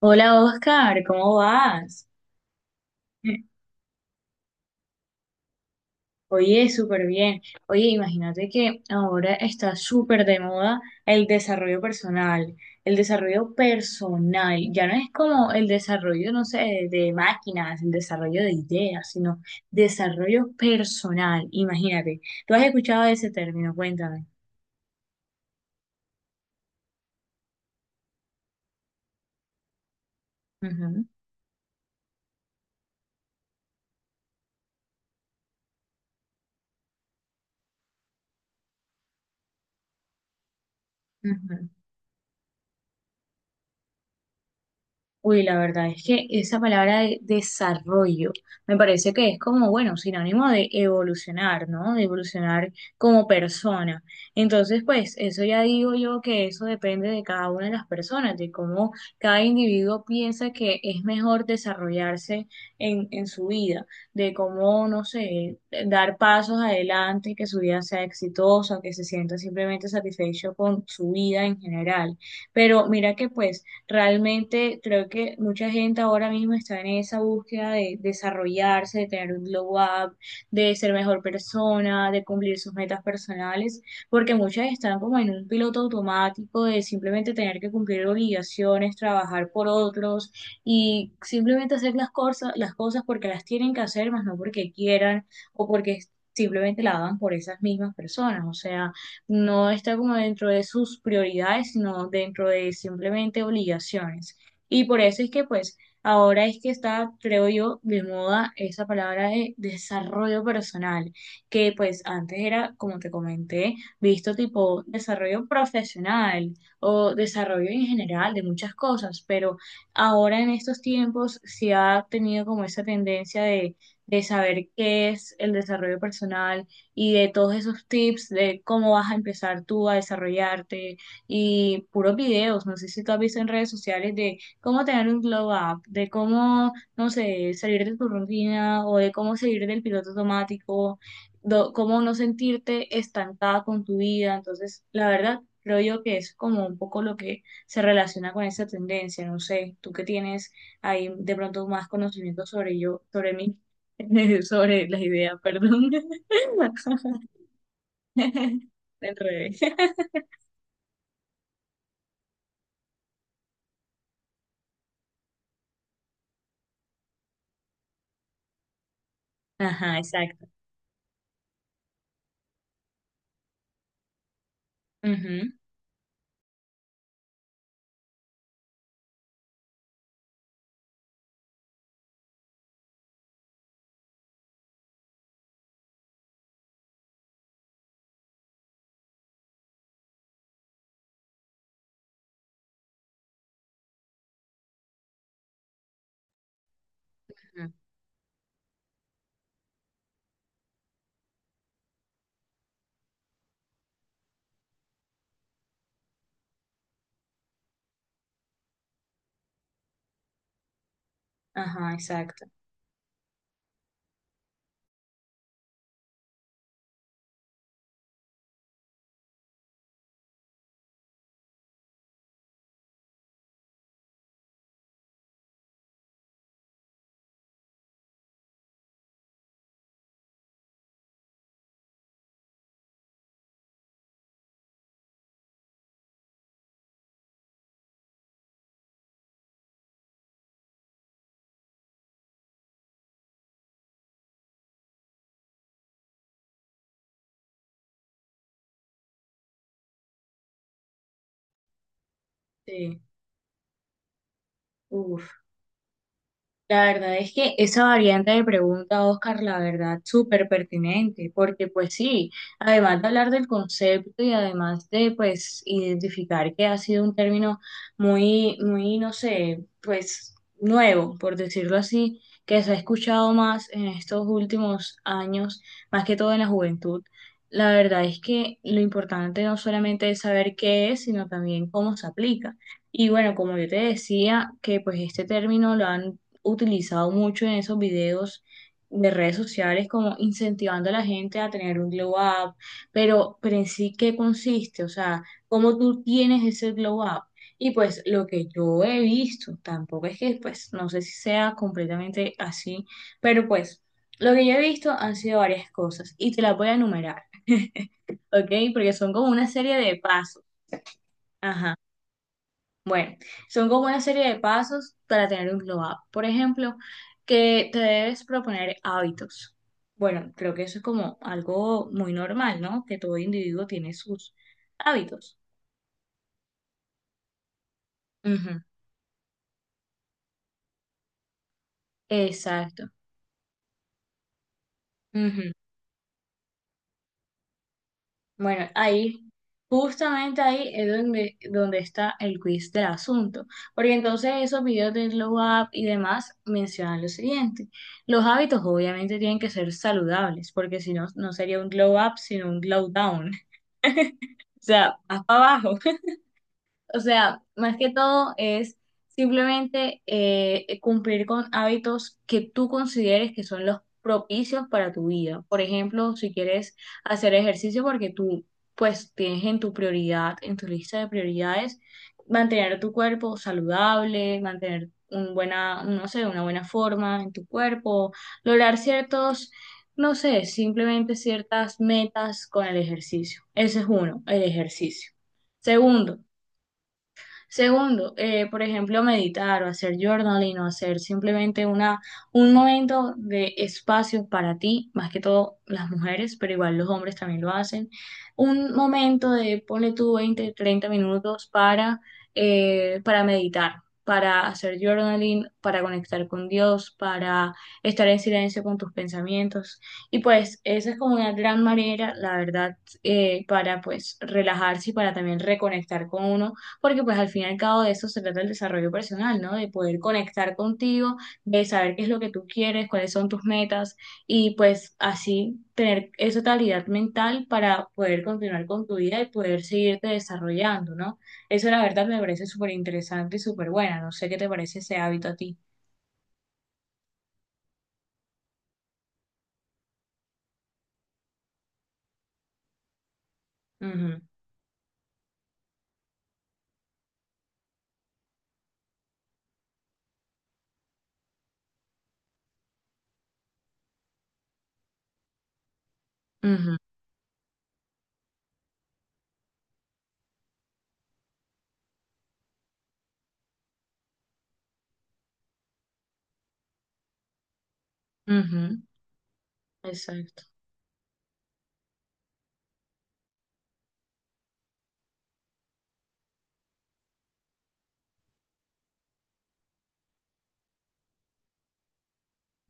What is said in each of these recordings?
Hola Oscar, ¿cómo vas? Oye, súper bien. Oye, imagínate que ahora está súper de moda el desarrollo personal. El desarrollo personal ya no es como el desarrollo, no sé, de máquinas, el desarrollo de ideas, sino desarrollo personal. Imagínate. ¿Tú has escuchado ese término? Cuéntame. Ujú, ujú. Uy, la verdad es que esa palabra de desarrollo me parece que es como, bueno, sinónimo de evolucionar, ¿no? De evolucionar como persona. Entonces, pues, eso ya digo yo que eso depende de cada una de las personas, de cómo cada individuo piensa que es mejor desarrollarse en su vida, de cómo, no sé, dar pasos adelante, que su vida sea exitosa, que se sienta simplemente satisfecho con su vida en general. Pero mira que, pues, realmente creo que mucha gente ahora mismo está en esa búsqueda de desarrollarse, de tener un glow up, de ser mejor persona, de cumplir sus metas personales, porque muchas están como en un piloto automático de simplemente tener que cumplir obligaciones, trabajar por otros y simplemente hacer las cosas porque las tienen que hacer, más no porque quieran o porque simplemente la hagan por esas mismas personas. O sea, no está como dentro de sus prioridades, sino dentro de simplemente obligaciones. Y por eso es que pues ahora es que está, creo yo, de moda esa palabra de desarrollo personal, que pues antes era, como te comenté, visto tipo desarrollo profesional o desarrollo en general de muchas cosas, pero ahora en estos tiempos se ha tenido como esa tendencia de saber qué es el desarrollo personal, y de todos esos tips de cómo vas a empezar tú a desarrollarte y puros videos, no sé si tú has visto en redes sociales de cómo tener un glow up, de cómo, no sé, salir de tu rutina o de cómo salir del piloto automático, cómo no sentirte estancada con tu vida, entonces la verdad creo yo que es como un poco lo que se relaciona con esa tendencia, no sé, tú que tienes ahí de pronto más conocimiento sobre yo, sobre mí, sobre las ideas, perdón. Del revés. Ajá, exacto. Ujú, ujú. Ajá, exacto. Sí. Uf. La verdad es que esa variante de pregunta, Oscar, la verdad, súper pertinente, porque pues sí, además de hablar del concepto y además de pues identificar que ha sido un término muy, muy, no sé, pues nuevo, por decirlo así, que se ha escuchado más en estos últimos años, más que todo en la juventud. La verdad es que lo importante no solamente es saber qué es, sino también cómo se aplica. Y bueno, como yo te decía, que pues este término lo han utilizado mucho en esos videos de redes sociales, como incentivando a la gente a tener un glow up, pero en sí, ¿qué consiste? O sea, ¿cómo tú tienes ese glow up? Y pues lo que yo he visto, tampoco es que, pues, no sé si sea completamente así, pero pues lo que yo he visto han sido varias cosas y te las voy a enumerar, ¿ok? Porque son como una serie de pasos. Ajá. Bueno, son como una serie de pasos para tener un glow up. Por ejemplo, que te debes proponer hábitos. Bueno, creo que eso es como algo muy normal, ¿no? Que todo individuo tiene sus hábitos. Ujú, exacto. Ujú. Bueno, ahí, justamente ahí es donde, está el quiz del asunto, porque entonces esos videos de Glow Up y demás mencionan lo siguiente, los hábitos obviamente tienen que ser saludables, porque si no, no sería un Glow Up, sino un Glow Down, o sea, más para abajo. O sea, más que todo es simplemente cumplir con hábitos que tú consideres que son los propicios para tu vida. Por ejemplo, si quieres hacer ejercicio porque tú pues tienes en tu prioridad, en tu lista de prioridades, mantener tu cuerpo saludable, mantener un buena, no sé, una buena forma en tu cuerpo, lograr ciertos, no sé, simplemente ciertas metas con el ejercicio. Ese es uno, el ejercicio. Segundo, Segundo, por ejemplo, meditar o hacer journaling o hacer simplemente una, un momento de espacio para ti, más que todo las mujeres, pero igual los hombres también lo hacen. Un momento de, ponle tú 20 30 minutos para meditar, para hacer journaling, para conectar con Dios, para estar en silencio con tus pensamientos. Y pues esa es como una gran manera, la verdad, para pues relajarse y para también reconectar con uno porque pues al fin y al cabo de eso se trata el desarrollo personal, ¿no? De poder conectar contigo, de saber qué es lo que tú quieres, cuáles son tus metas y pues así tener esa calidad mental para poder continuar con tu vida y poder seguirte desarrollando, ¿no? Eso la verdad me parece súper interesante y súper buena. No sé qué te parece ese hábito a ti. Ujú, ujú, ujú. Exacto.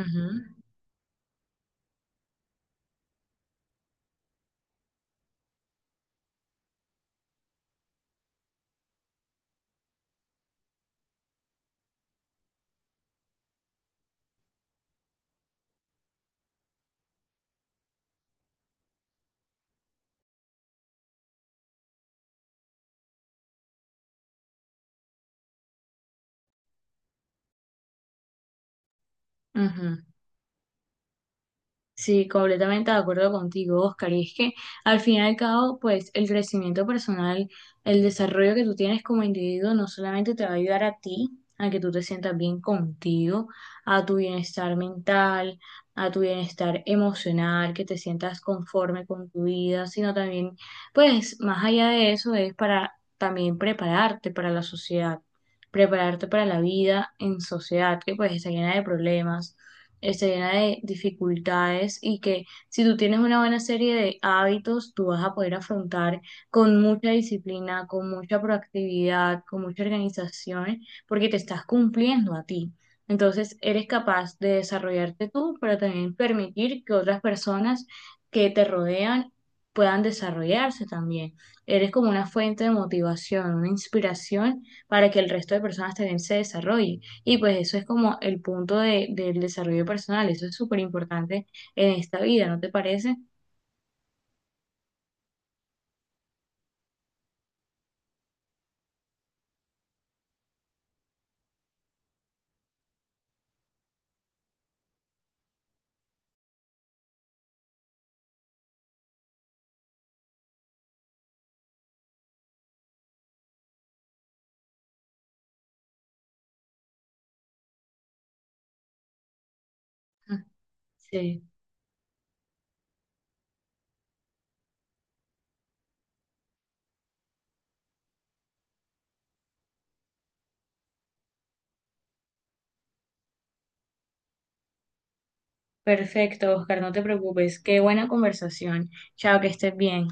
Ujú, ujú. Sí, completamente de acuerdo contigo, Oscar. Y es que al fin y al cabo, pues el crecimiento personal, el desarrollo que tú tienes como individuo, no solamente te va a ayudar a ti, a que tú te sientas bien contigo, a tu bienestar mental, a tu bienestar emocional, que te sientas conforme con tu vida, sino también, pues más allá de eso, es para también prepararte para la sociedad, prepararte para la vida en sociedad, que pues está llena de problemas, está llena de dificultades y que si tú tienes una buena serie de hábitos, tú vas a poder afrontar con mucha disciplina, con mucha proactividad, con mucha organización, porque te estás cumpliendo a ti. Entonces, eres capaz de desarrollarte tú, pero también permitir que otras personas que te rodean puedan desarrollarse también. Eres como una fuente de motivación, una inspiración para que el resto de personas también se desarrollen. Y pues eso es como el punto de, del desarrollo personal, eso es súper importante en esta vida, ¿no te parece? Ah, sí, perfecto, Oscar, no te preocupes, qué buena conversación. Chao, que estés bien.